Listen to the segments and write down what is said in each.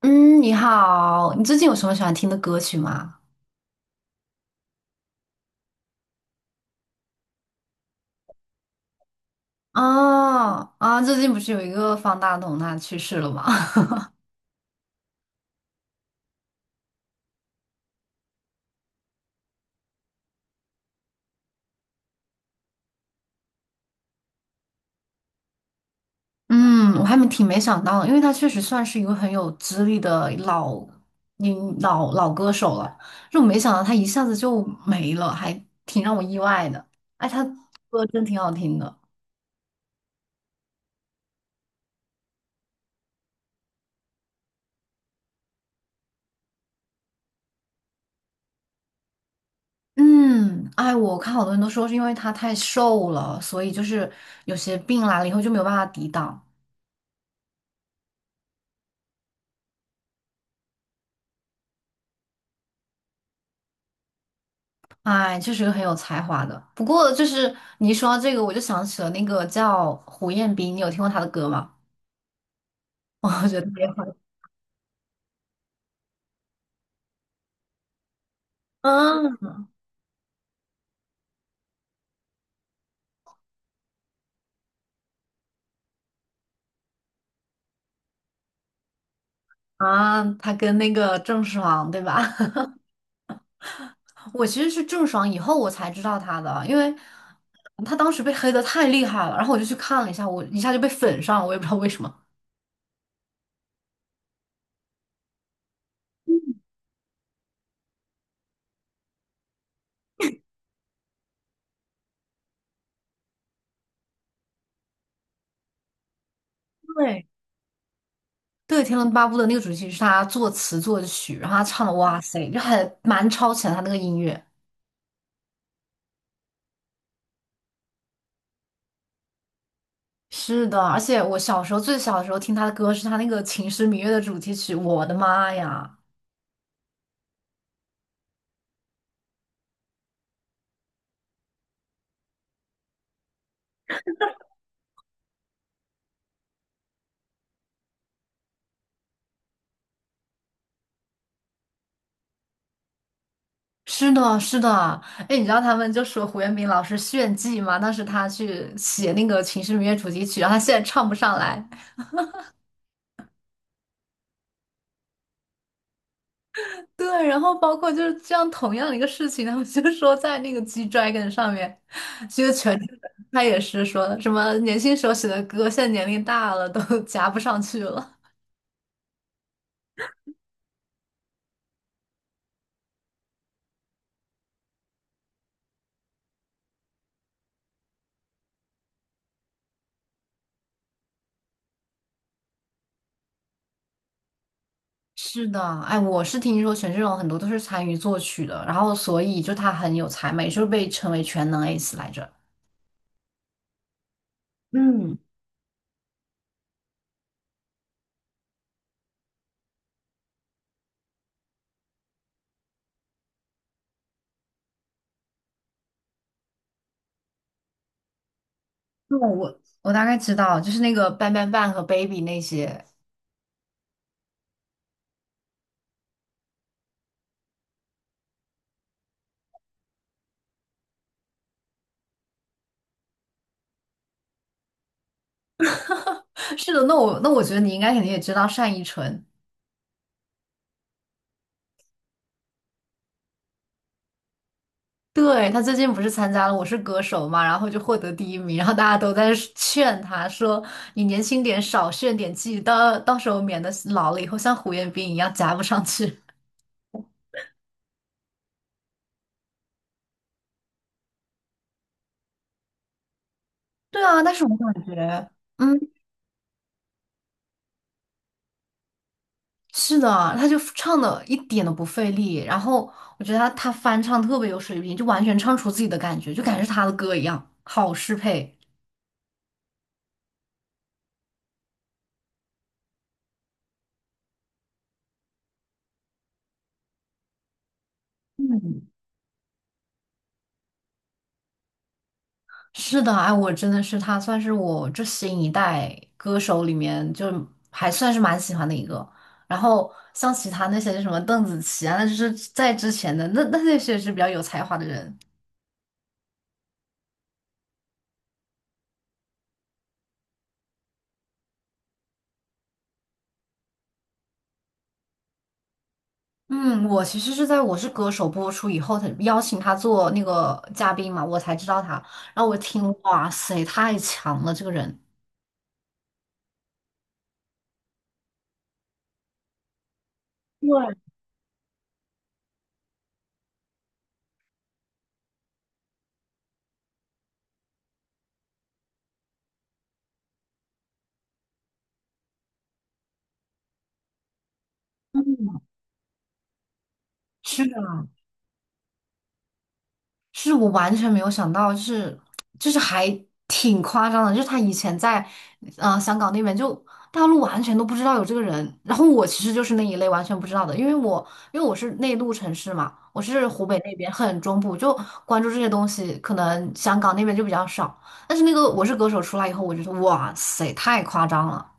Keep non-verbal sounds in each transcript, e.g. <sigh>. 嗯，你好，你最近有什么喜欢听的歌曲吗？哦，啊，最近不是有一个方大同他去世了吗？<laughs> 嗯，我还没挺没想到的，因为他确实算是一个很有资历的老，嗯，老歌手了，就没想到他一下子就没了，还挺让我意外的。哎，他歌真挺好听的。嗯，哎，我看好多人都说是因为他太瘦了，所以就是有些病来了以后就没有办法抵挡。哎，确是个很有才华的。不过，就是你一说到这个，我就想起了那个叫胡彦斌，你有听过他的歌吗？<laughs> 我觉得特别好。嗯，啊，他跟那个郑爽，对吧？<laughs> 我其实是郑爽以后我才知道他的，因为他当时被黑的太厉害了，然后我就去看了一下，我一下就被粉上了，我也不知道为什么。对，对，《天龙八部》的那个主题曲是他作词作曲，然后他唱的，哇塞，就还蛮超前他那个音乐。是的，而且我小时候最小的时候听他的歌是他那个《秦时明月》的主题曲，我的妈呀！是的，是的，哎，你知道他们就说胡彦斌老师炫技嘛？当时他去写那个《秦时明月》主题曲，然后他现在唱不上来。对，然后包括就是这样同样的一个事情，他们就说在那个 G Dragon 上面，其实全他也是说什么年轻时候写的歌，现在年龄大了都 <laughs> 夹不上去了。是的，哎，我是听说权志龙很多都是参与作曲的，然后所以就他很有才嘛，也就被称为全能 ace 来着。嗯，对，我大概知道，就是那个 Bang Bang Bang 和 Baby 那些。<laughs> 是的，那我觉得你应该肯定也知道单依纯，对，他最近不是参加了《我是歌手》嘛，然后就获得第一名，然后大家都在劝他说："你年轻点，少炫点技，到时候免得老了以后像胡彦斌一样夹不上去。"对啊，但是我感觉。嗯。是的，他就唱的一点都不费力，然后我觉得他翻唱特别有水平，就完全唱出自己的感觉，就感觉是他的歌一样，好适配。嗯，是的，哎，我真的是他算是我这新一代歌手里面就还算是蛮喜欢的一个。然后像其他那些什么邓紫棋啊，那就是在之前的那那些是比较有才华的人。嗯，我其实是在《我是歌手》播出以后，他邀请他做那个嘉宾嘛，我才知道他。然后我听，哇塞，太强了，这个人。对，是的，是我完全没有想到，就是就是还挺夸张的，就是他以前在香港那边就大陆完全都不知道有这个人，然后我其实就是那一类完全不知道的，因为我是内陆城市嘛，我是湖北那边很中部，就关注这些东西，可能香港那边就比较少，但是那个《我是歌手》出来以后，我觉得哇塞，太夸张了。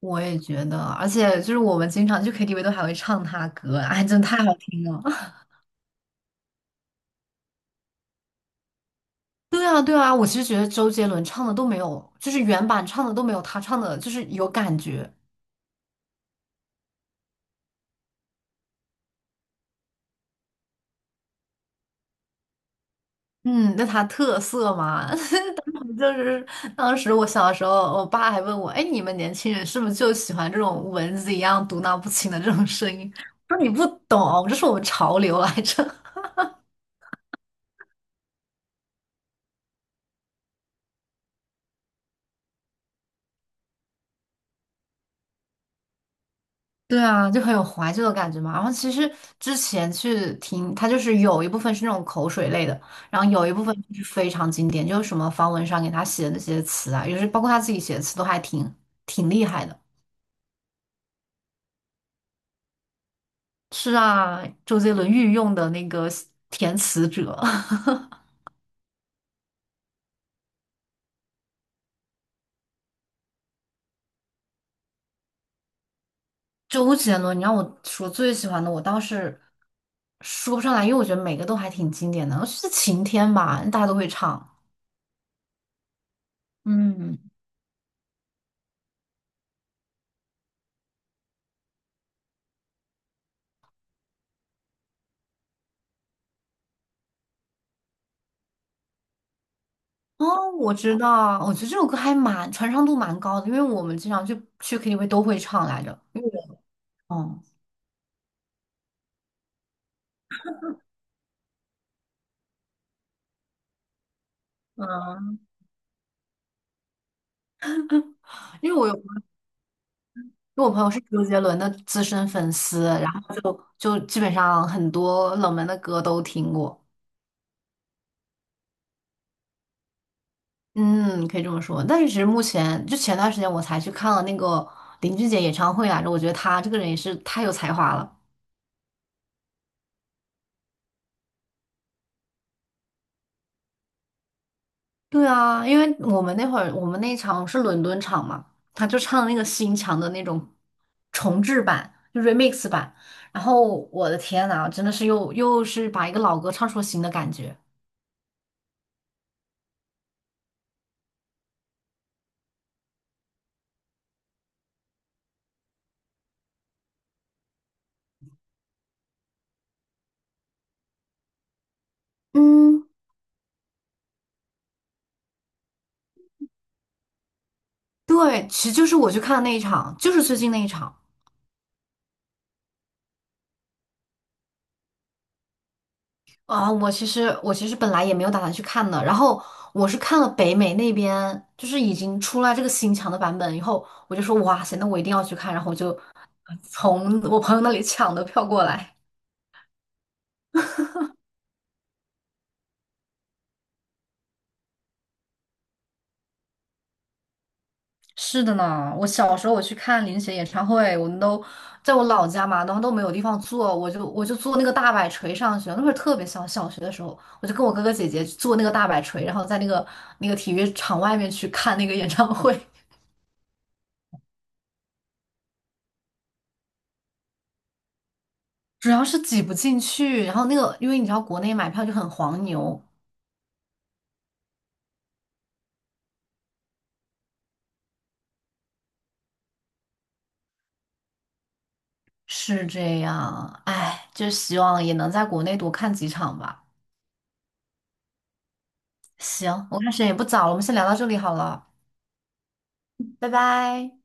我也觉得，而且就是我们经常去 KTV 都还会唱他歌，哎，<laughs> 真的太好听了。对啊，对啊，我其实觉得周杰伦唱的都没有，就是原版唱的都没有他唱的，就是有感觉。嗯，那他特色嘛，<laughs> 就是当时我小时候，我爸还问我，哎，你们年轻人是不是就喜欢这种蚊子一样嘟囔不清的这种声音？我说你不懂，这是我们潮流来着。对啊，就很有怀旧的感觉嘛。然后其实之前去听，它就是有一部分是那种口水类的，然后有一部分就是非常经典，就是什么方文山给他写的那些词啊，有时包括他自己写的词都还挺挺厉害的。是啊，周杰伦御用的那个填词者，<laughs> 周杰伦，你让我说最喜欢的，我倒是说不上来，因为我觉得每个都还挺经典的。是晴天吧，大家都会唱。嗯。哦，我知道，我觉得这首歌还蛮传唱度蛮高的，因为我们经常去 KTV 都会唱来着。因为我，嗯嗯，因为我有，因为我朋友是周杰伦的资深粉丝，然后就基本上很多冷门的歌都听过。嗯，可以这么说。但是其实目前就前段时间我才去看了那个林俊杰演唱会来着，我觉得他这个人也是太有才华了。对啊，因为我们那一场是伦敦场嘛，他就唱那个新墙的那种重制版，就 remix 版。然后我的天呐，真的是又是把一个老歌唱出了新的感觉。嗯，对，其实就是我去看的那一场，就是最近那一场啊。我其实本来也没有打算去看的，然后我是看了北美那边，就是已经出来这个新墙的版本以后，我就说哇塞，那我一定要去看，然后我就从我朋友那里抢的票过来。是的呢，我小时候我去看林雪演唱会，我们都在我老家嘛，然后都没有地方坐，我就坐那个大摆锤上学。那会儿特别小，小学的时候，我就跟我哥哥姐姐坐那个大摆锤，然后在那个体育场外面去看那个演唱会，<laughs> 主要是挤不进去。然后那个，因为你知道国内买票就很黄牛，是这样。哎，就希望也能在国内多看几场吧。行，我看时间也不早了，我们先聊到这里好了，拜拜。